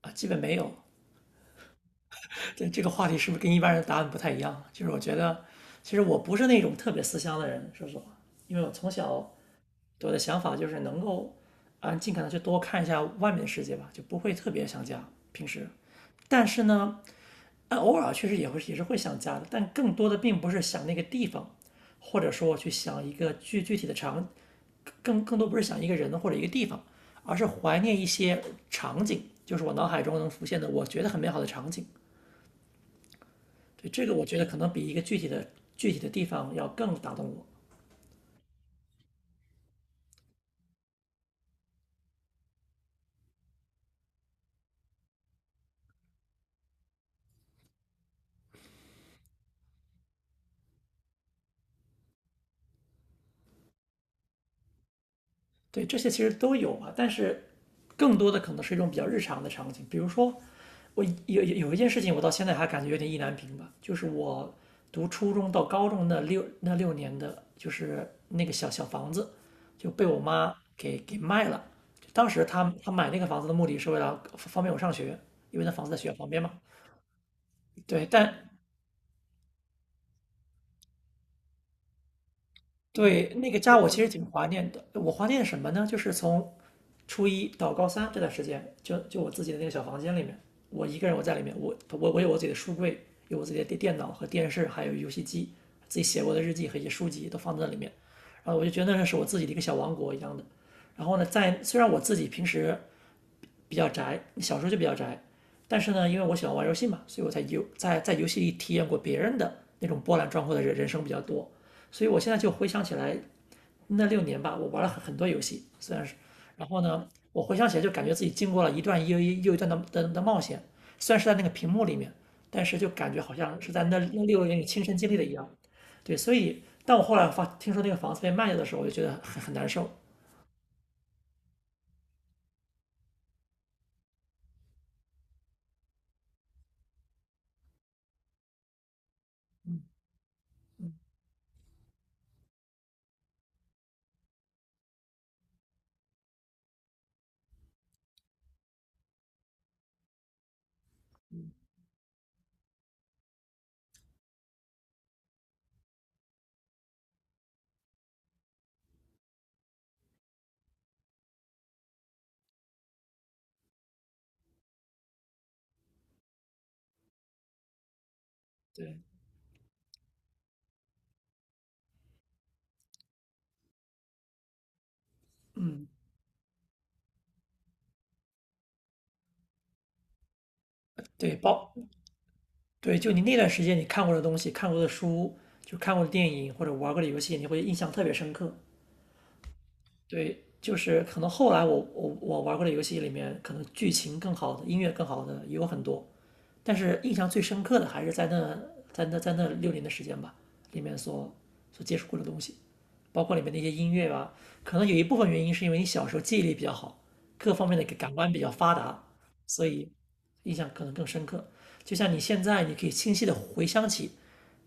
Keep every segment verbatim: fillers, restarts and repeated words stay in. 啊，基本没有。这这个话题是不是跟一般人的答案不太一样？就是我觉得，其实我不是那种特别思乡的人，说实话，因为我从小我的想法就是能够，啊，尽可能去多看一下外面的世界吧，就不会特别想家。平时，但是呢，啊，偶尔确实也会也是会想家的，但更多的并不是想那个地方，或者说去想一个具具体的场，更更多不是想一个人或者一个地方，而是怀念一些场景，就是我脑海中能浮现的我觉得很美好的场景。对，这个我觉得可能比一个具体的具体的地方要更打动我。对，这些其实都有啊，但是更多的可能是一种比较日常的场景，比如说我有有有一件事情，我到现在还感觉有点意难平吧，就是我读初中到高中那六那六年的，就是那个小小房子就被我妈给给卖了。当时她她买那个房子的目的是为了方便我上学，因为那房子在学校旁边嘛。对，但对，那个家我其实挺怀念的。我怀念什么呢？就是从初一到高三这段时间，就就我自己的那个小房间里面，我一个人我在里面，我我我有我自己的书柜，有我自己的电脑和电视，还有游戏机，自己写过的日记和一些书籍都放在里面。然后我就觉得那是我自己的一个小王国一样的。然后呢，在虽然我自己平时比较宅，小时候就比较宅，但是呢，因为我喜欢玩游戏嘛，所以我在游在在游戏里体验过别人的那种波澜壮阔的人人生比较多。所以我现在就回想起来。那六年吧，我玩了很很多游戏，虽然是，然后呢，我回想起来就感觉自己经过了一段又一又一段的的的冒险，虽然是在那个屏幕里面，但是就感觉好像是在那那六年里亲身经历的一样。对，所以当我后来发听说那个房子被卖掉的时候，我就觉得很很难受。对，嗯，对，包，对，就你那段时间你看过的东西、看过的书、就看过的电影或者玩过的游戏，你会印象特别深刻。对，就是可能后来我我我玩过的游戏里面，可能剧情更好的、音乐更好的也有很多，但是印象最深刻的还是在那在那在那六年的时间吧，里面所所接触过的东西，包括里面那些音乐啊，可能有一部分原因是因为你小时候记忆力比较好，各方面的感官比较发达，所以印象可能更深刻。就像你现在，你可以清晰的回想起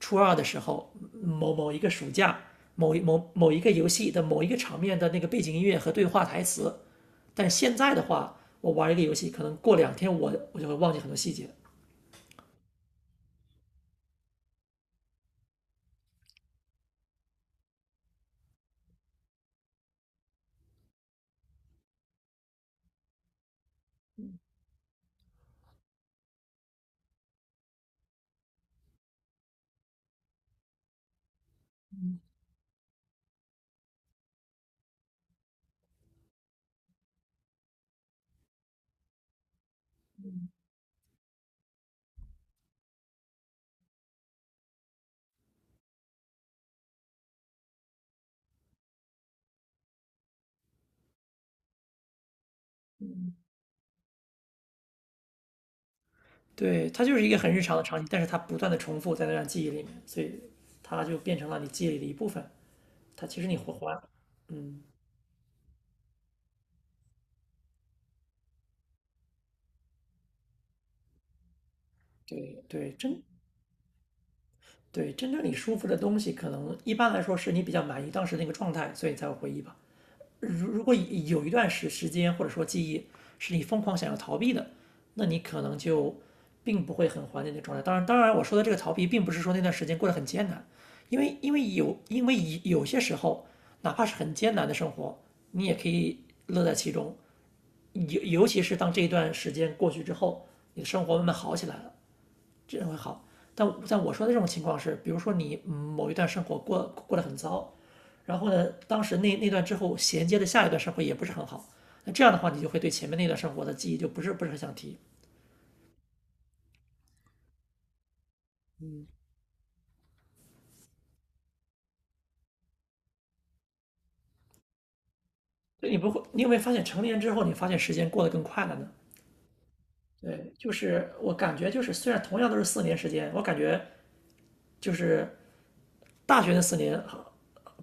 初二的时候，某某一个暑假，某某某一个游戏的某一个场面的那个背景音乐和对话台词。但现在的话，我玩一个游戏，可能过两天我我就会忘记很多细节。对，它就是一个很日常的场景，但是它不断的重复在那段记忆里面，所以它就变成了你记忆里的一部分。它其实你会还，嗯，对对，真对真正你舒服的东西，可能一般来说是你比较满意当时那个状态，所以你才会回忆吧。如如果有一段时时间或者说记忆是你疯狂想要逃避的，那你可能就并不会很怀念那状态。当然，当然我说的这个逃避，并不是说那段时间过得很艰难，因为因为有因为有有些时候，哪怕是很艰难的生活，你也可以乐在其中。尤尤其是当这一段时间过去之后，你的生活慢慢好起来了，这样会好。但在我说的这种情况是，比如说你嗯某一段生活过过得很糟，然后呢，当时那那段之后衔接的下一段生活也不是很好，那这样的话，你就会对前面那段生活的记忆就不是不是很想提。所以你不会，你有没有发现成年之后，你发现时间过得更快了呢？对，就是我感觉就是虽然同样都是四年时间，我感觉就是大学那四年，呃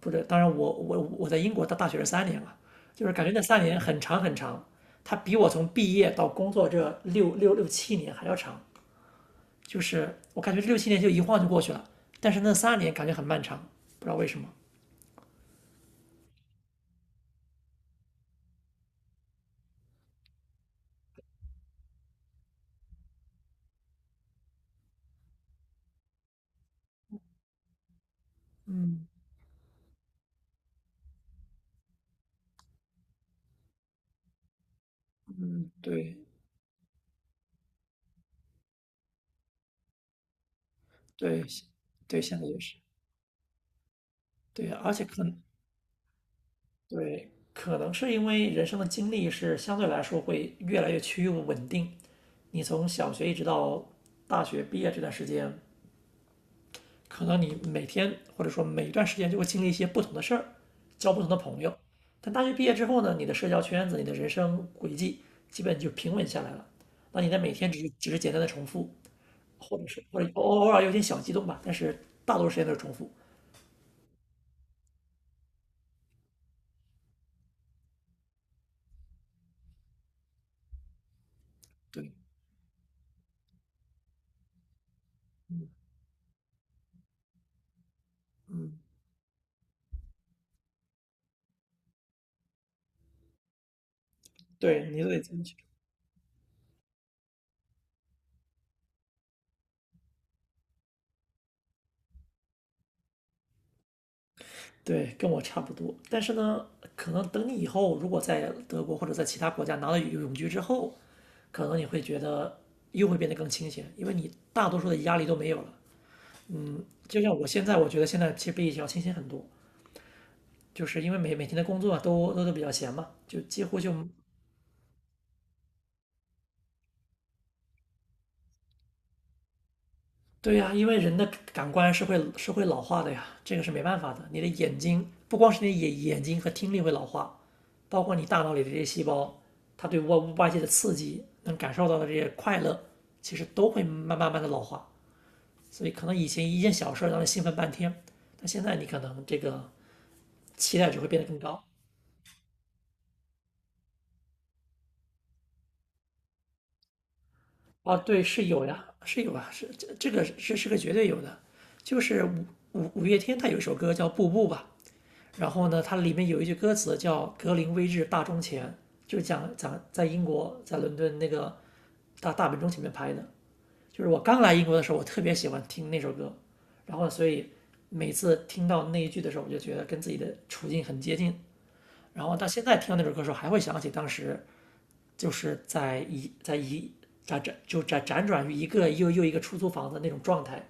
不对，当然我我我在英国到大学是三年嘛，就是感觉那三年很长很长，它比我从毕业到工作这六六六七年还要长，就是我感觉这六七年就一晃就过去了，但是那三年感觉很漫长，不知道为什么。嗯嗯，对对对，现在也是对，而且可能对，可能是因为人生的经历是相对来说会越来越趋于稳定，你从小学一直到大学毕业这段时间。可能你每天或者说每一段时间就会经历一些不同的事儿，交不同的朋友。但大学毕业之后呢，你的社交圈子、你的人生轨迹基本就平稳下来了。那你的每天只是只是简单的重复，或者是或者偶偶尔有点小激动吧，但是大多数时间都是重复。对，嗯，对，你都得进去。对，跟我差不多。但是呢，可能等你以后如果在德国或者在其他国家拿到永居之后，可能你会觉得又会变得更清闲，因为你大多数的压力都没有了。就像我现在，我觉得现在其实比以前要清醒很多，就是因为每每天的工作都都都比较闲嘛，就几乎就对呀，因为人的感官是会是会老化的呀，这个是没办法的。你的眼睛不光是你的眼眼睛和听力会老化，包括你大脑里的这些细胞，它对外外界的刺激能感受到的这些快乐，其实都会慢慢慢的老化。所以可能以前一件小事让你兴奋半天，但现在你可能这个期待值会变得更高。哦，对，是有呀，是有啊，是这这个是是个绝对有的，就是五五五月天他有一首歌叫《步步》吧，然后呢，它里面有一句歌词叫“格林威治大钟前”，就是讲讲在英国在伦敦那个大大本钟前面拍的，就是我刚来英国的时候，我特别喜欢听那首歌，然后所以每次听到那一句的时候，我就觉得跟自己的处境很接近，然后到现在听到那首歌的时候，还会想起当时。就是在一在一辗转就辗辗转于一个又又一个出租房子那种状态，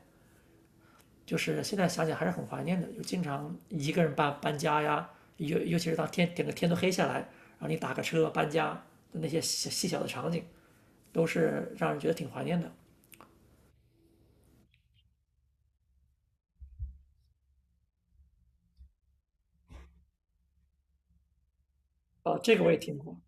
就是现在想想还是很怀念的，就经常一个人搬搬家呀，尤尤其是当天整个天都黑下来，然后你打个车搬家的那些细细小的场景，都是让人觉得挺怀念的。哦，这个我也听过，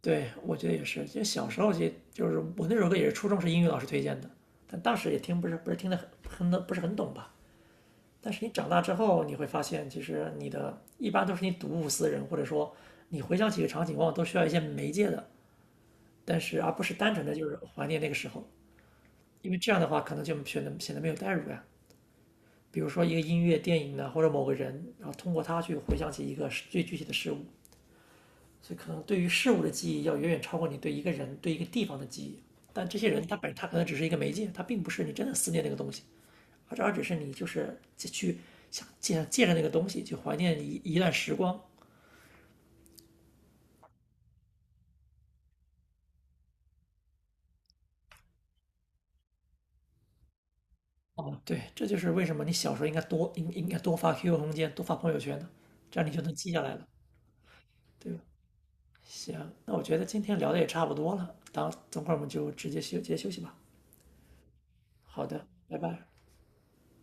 对，我觉得也是，就小时候就就是我那首歌也是初中是英语老师推荐的，但当时也听不是不是听得很很不是很懂吧，但是你长大之后，你会发现，其实你的一般都是你睹物思人，或者说你回想起一个场景，往往都需要一些媒介，但是而不是单纯的就是怀念那个时候，因为这样的话可能就显得显得没有代入感。比如说一个音乐、电影呢，或者某个人，然后通过他去回想起一个最具体的事物，所以可能对于事物的记忆要远远超过你对一个人、对一个地方的记忆。但这些人他本他可能只是一个媒介，他并不是你真的思念那个。而而只是你就是去想借借着那个东西去怀念一一段时光。哦，对，这就是为什么你小时候应该多应应该多发 Q Q 空间，多发朋友圈的，这样你就能记下来了，对吧？行，那我觉得今天聊的也差不多了，当等会儿我们就直接休直接休息吧。好的，拜拜。